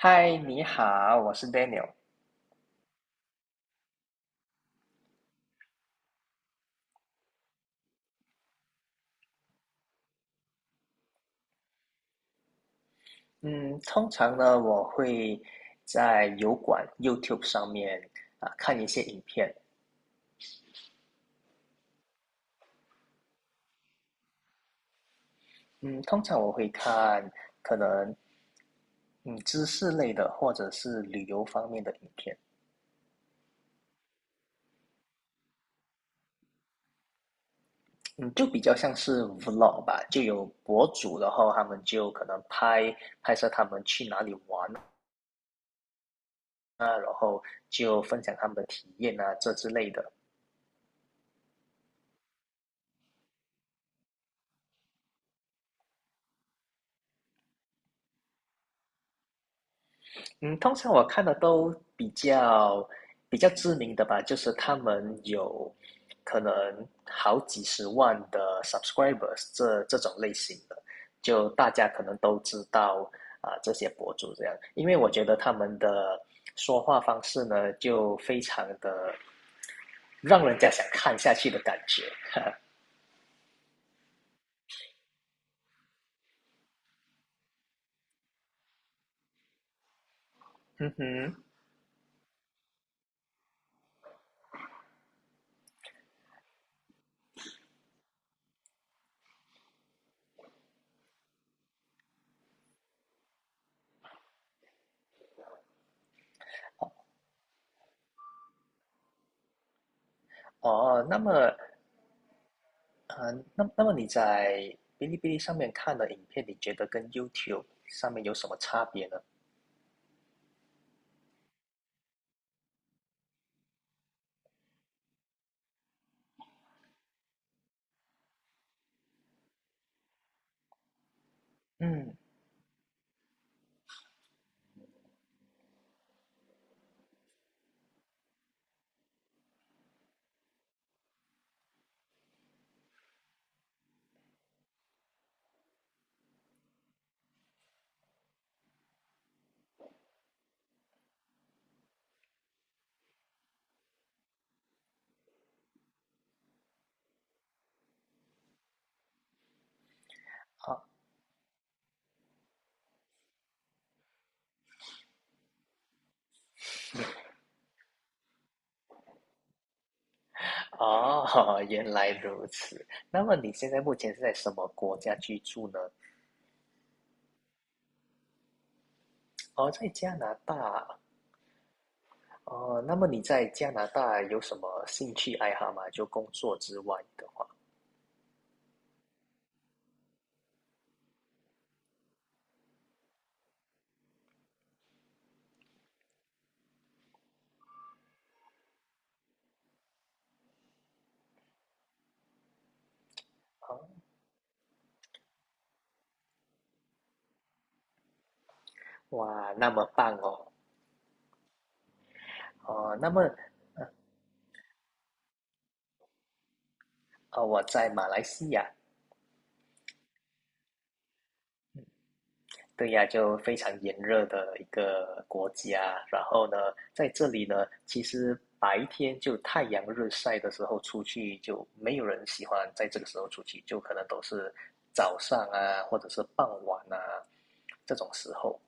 嗨，你好，我是 Daniel。嗯，通常呢，我会在油管 YouTube 上面啊看一些影片。嗯，通常我会看可能嗯知识类的或者是旅游方面的影片。嗯，就比较像是 vlog 吧，就有博主，然后他们就可能拍摄他们去哪里玩啊，然后就分享他们的体验啊，这之类的。嗯，通常我看的都比较知名的吧，就是他们有可能好几十万的 subscribers 这种类型的，就大家可能都知道啊、这些博主这样，因为我觉得他们的说话方式呢，就非常的让人家想看下去的感觉。嗯哼，哦，那么嗯，那么你在哔哩哔哩上面看的影片，你觉得跟 YouTube 上面有什么差别呢？嗯，好，哦，原来如此。那么你现在目前是在什么国家居住呢？哦，在加拿大。哦，那么你在加拿大有什么兴趣爱好吗？就工作之外的。哦，哇，那么棒哦。哦，那么我在马来西亚，对呀，就非常炎热的一个国家。然后呢，在这里呢，其实白天就太阳日晒的时候出去，就没有人喜欢在这个时候出去，就可能都是早上啊，或者是傍晚啊这种时候。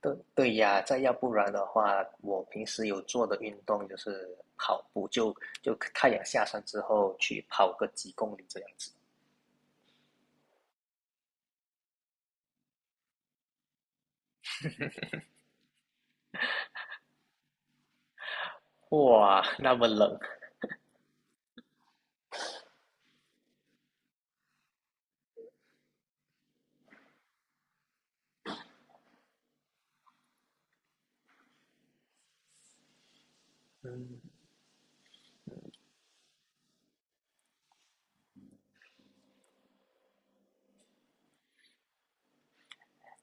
对对呀，再要不然的话，我平时有做的运动就是跑步，就太阳下山之后去跑个几公里这样子。哇，那么冷。嗯。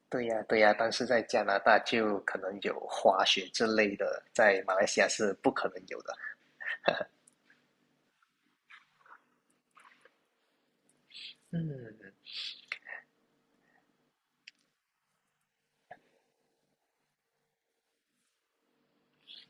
对呀，对呀，但是在加拿大就可能有滑雪之类的，在马来西亚是不可能有的。嗯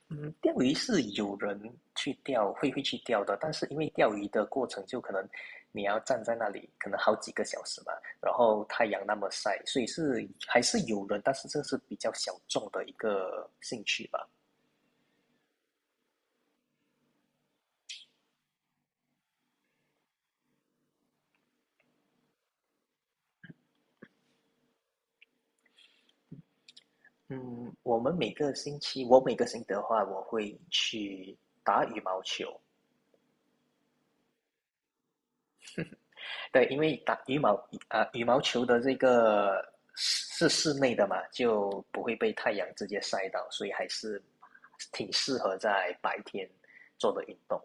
嗯，钓鱼是有人去钓，会去钓的，但是因为钓鱼的过程就可能你要站在那里，可能好几个小时吧，然后太阳那么晒，所以是还是有人，但是这是比较小众的一个兴趣吧。嗯，我们每个星期，我每个星期的话，我会去打羽毛球。对，因为打羽毛球的这个是室内的嘛，就不会被太阳直接晒到，所以还是挺适合在白天做的运动。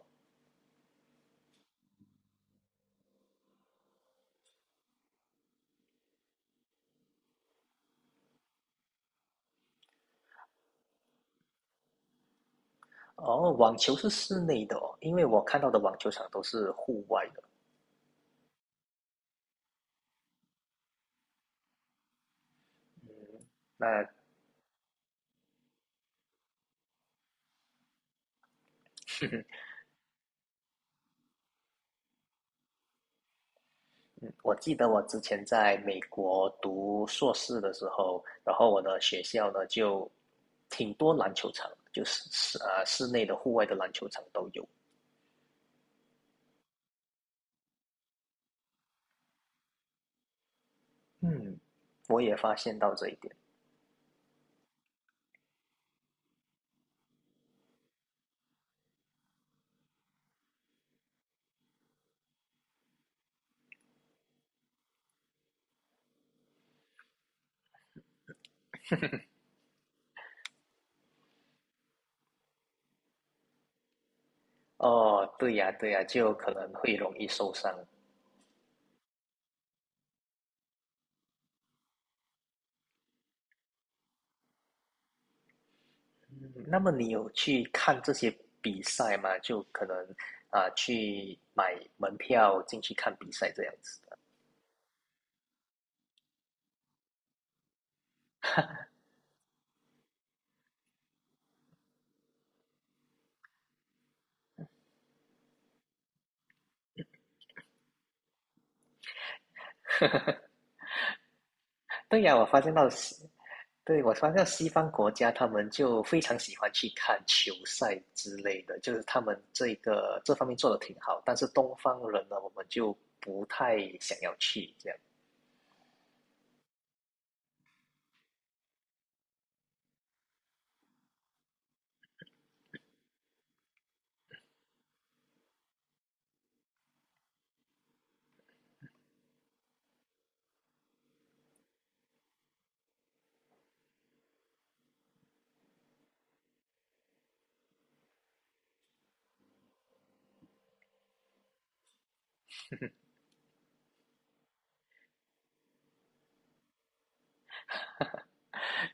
哦，网球是室内的哦，因为我看到的网球场都是户外的。那我记得我之前在美国读硕士的时候，然后我的学校呢就挺多篮球场，就是室内的、户外的篮球场都有。嗯，我也发现到这一点。哦，对呀，对呀，就可能会容易受伤。嗯，那么你有去看这些比赛吗？就可能啊，去买门票进去看比赛这样子的。对呀，我发现到西，对，我发现到西方国家他们就非常喜欢去看球赛之类的，就是他们这个这方面做的挺好，但是东方人呢，我们就不太想要去这样。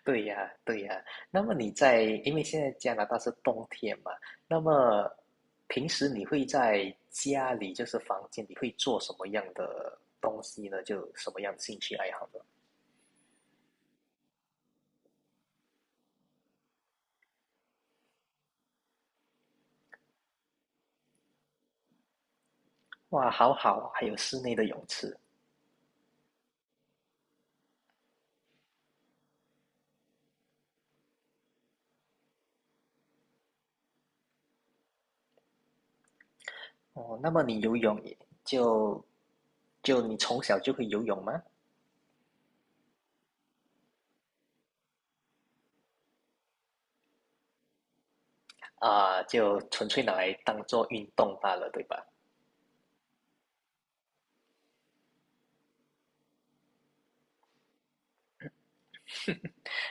对呀，对呀。那么你在，因为现在加拿大是冬天嘛，那么平时你会在家里，就是房间，你会做什么样的东西呢？就什么样的兴趣爱好呢？哇，好好，还有室内的泳池哦。那么你游泳也就就你从小就会游泳吗？啊，就纯粹拿来当做运动罢了，对吧？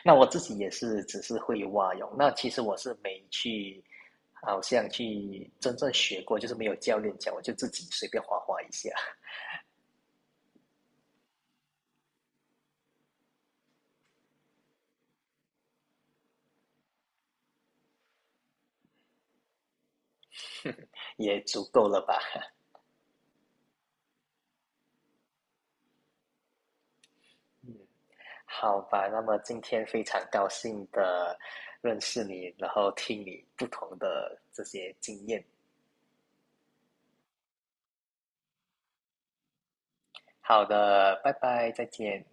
那我自己也是只是会蛙泳，那其实我是没去，好像去真正学过，就是没有教练教，我就自己随便划划一下，也足够了吧。嗯，好吧，那么今天非常高兴的认识你，然后听你不同的这些经验。好的，拜拜，再见。